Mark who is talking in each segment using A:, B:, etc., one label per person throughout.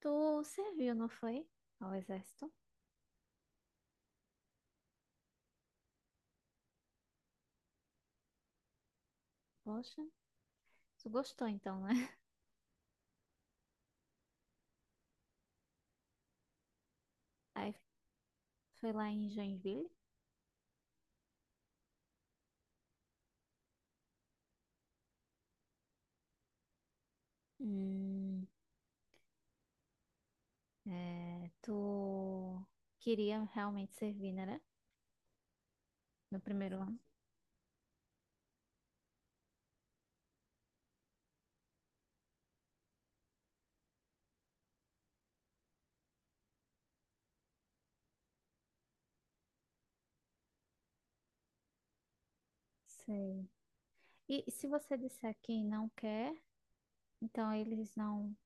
A: Tu serviu, não foi? Ao exército? Poxa, tu gostou então, né? Aí foi lá em Joinville. Hum, é, tu queria realmente servir, né? No primeiro ano. Sei. E se você disser que não quer, então eles não,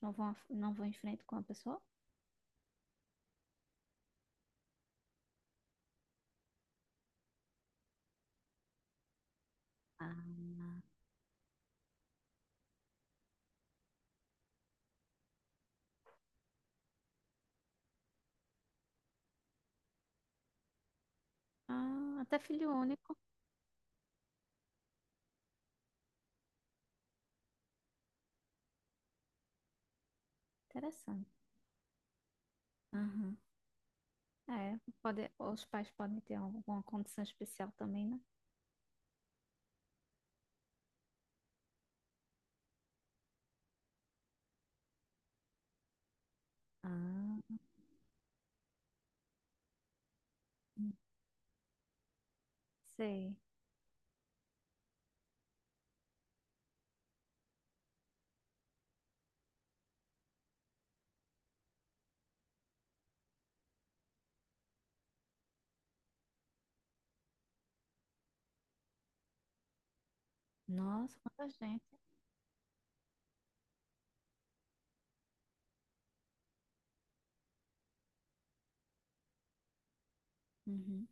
A: não vão, não vão em frente com a pessoa? Ah, ah, até filho único. Interessante. Aham. É, pode, os pais podem ter alguma condição especial também, né? Ah, sei. Nossa, quanta gente. Uhum.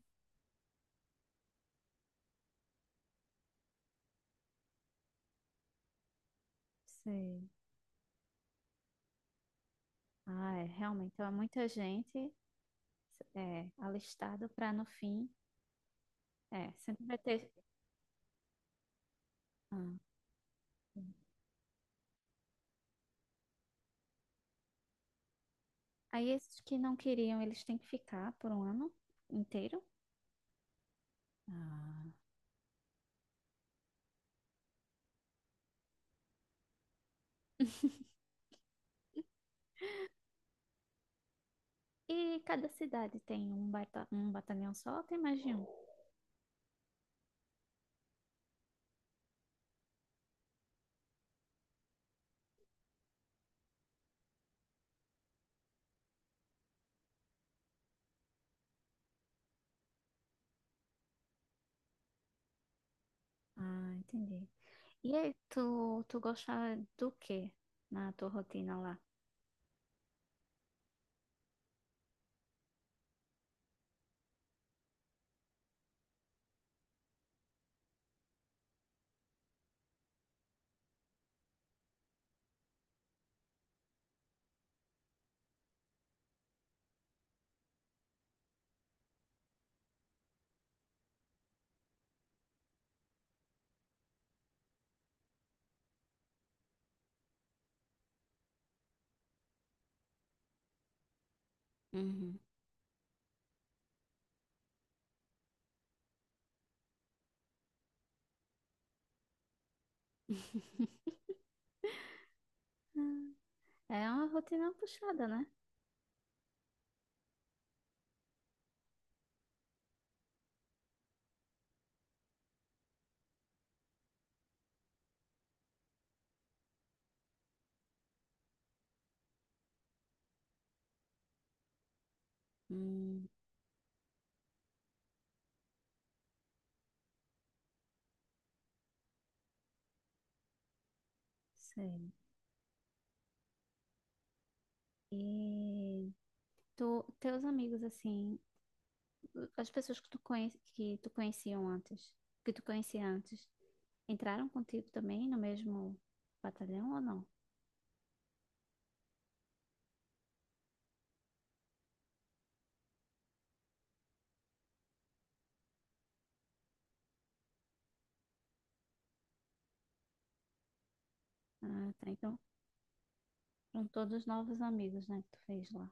A: Sei. Ah, é, realmente. Então, é muita gente é, alistado para no fim. É, sempre vai ter. Ah, sim. Aí, esses que não queriam, eles têm que ficar por um ano inteiro. Ah. E cada cidade tem um, bata um batalhão só ou tem mais de um? Ah, entendi. E aí, tu gostava do quê na tua rotina lá? Uhum. Ah, é uma rotina puxada, né? Hum, sei. E tu, teus amigos, assim, as pessoas que que que tu conhecia antes, entraram contigo também no mesmo batalhão ou não? Ah, tá. Então, são todos novos amigos, né, que tu fez lá.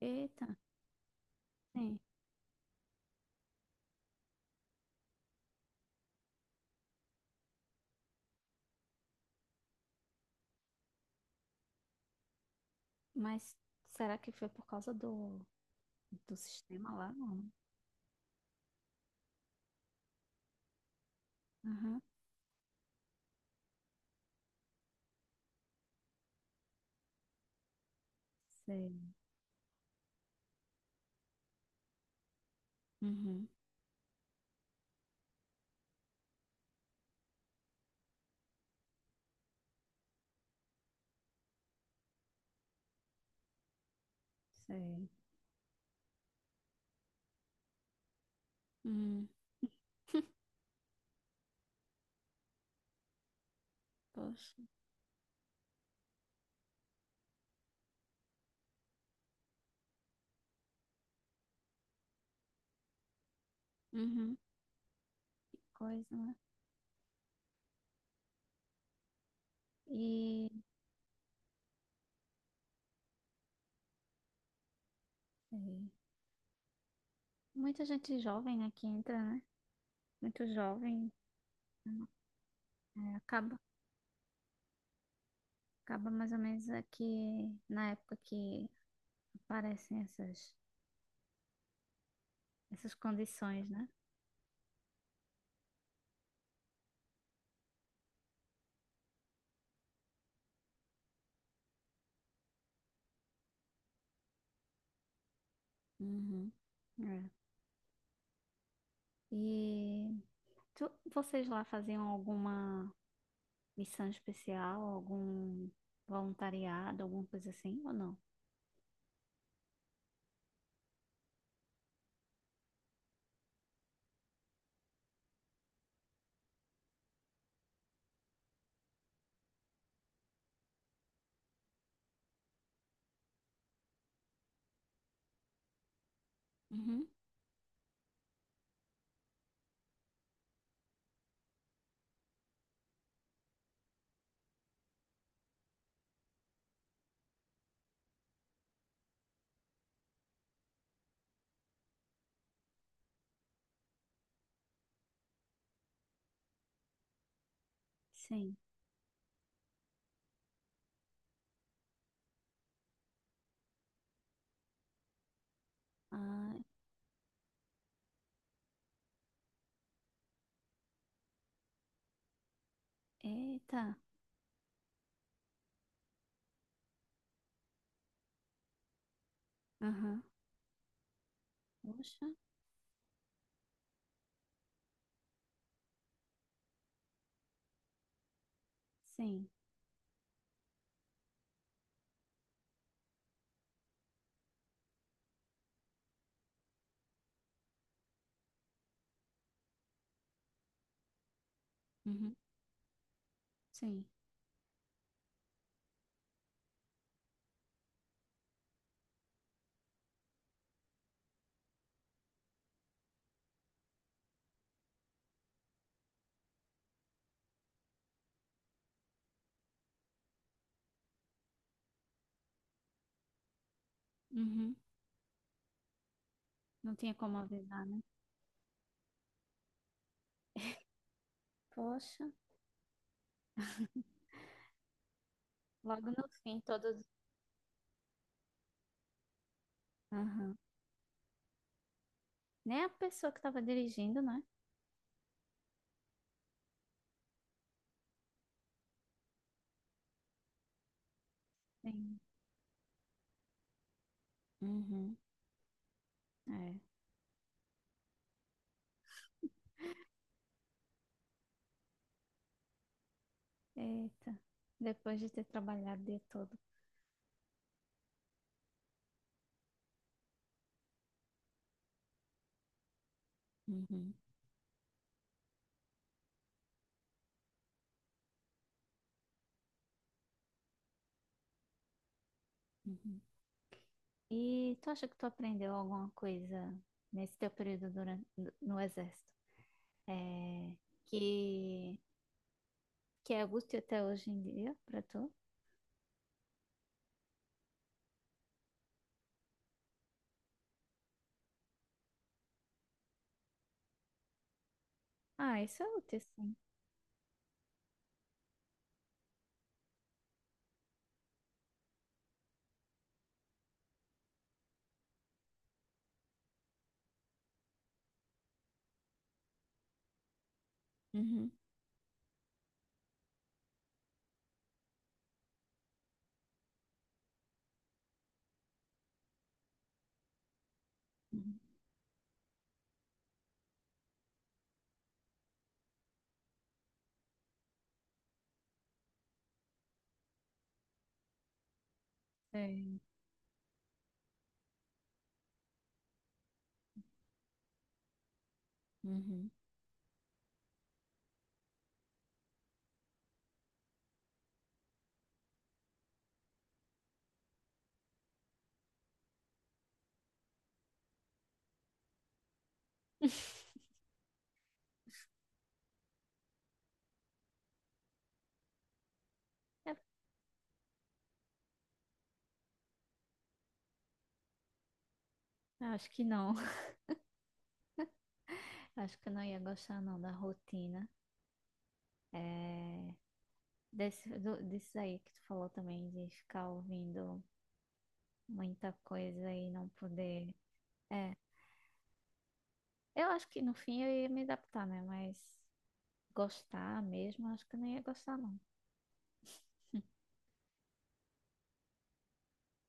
A: Eita, sim. Mas será que foi por causa do sistema lá? Não. Aham, sei. Uhum, sei. Hum, poxa. Uhum, coisa, né? E sei. Muita gente jovem aqui entra, né? Muito jovem, é, acaba mais ou menos aqui na época que aparecem essas condições, né? Uhum. É. E vocês lá faziam alguma missão especial, algum voluntariado, alguma coisa assim, ou não? Uhum. Sim. Ah, eita. Aham. Poxa. Sim, Uhum. Sim. Uhum. Não tinha como avisar, né? Poxa. Logo no fim, todos. Aham. Nem a pessoa que estava dirigindo, né? Sim. Uhum. É. Eita, depois de ter trabalhado o dia todo. Uhum. Uhum. E tu acha que tu aprendeu alguma coisa nesse teu período no exército? É, que, que é útil até hoje em dia pra tu? Ah, isso é útil, sim. Uhum. Uhum. Sim. Uhum. Eu acho que não. Acho que eu não ia gostar não da rotina. É, disso aí que tu falou também, de ficar ouvindo muita coisa e não poder. É, eu acho que no fim eu ia me adaptar, né? Mas gostar mesmo, acho que eu não ia gostar, não.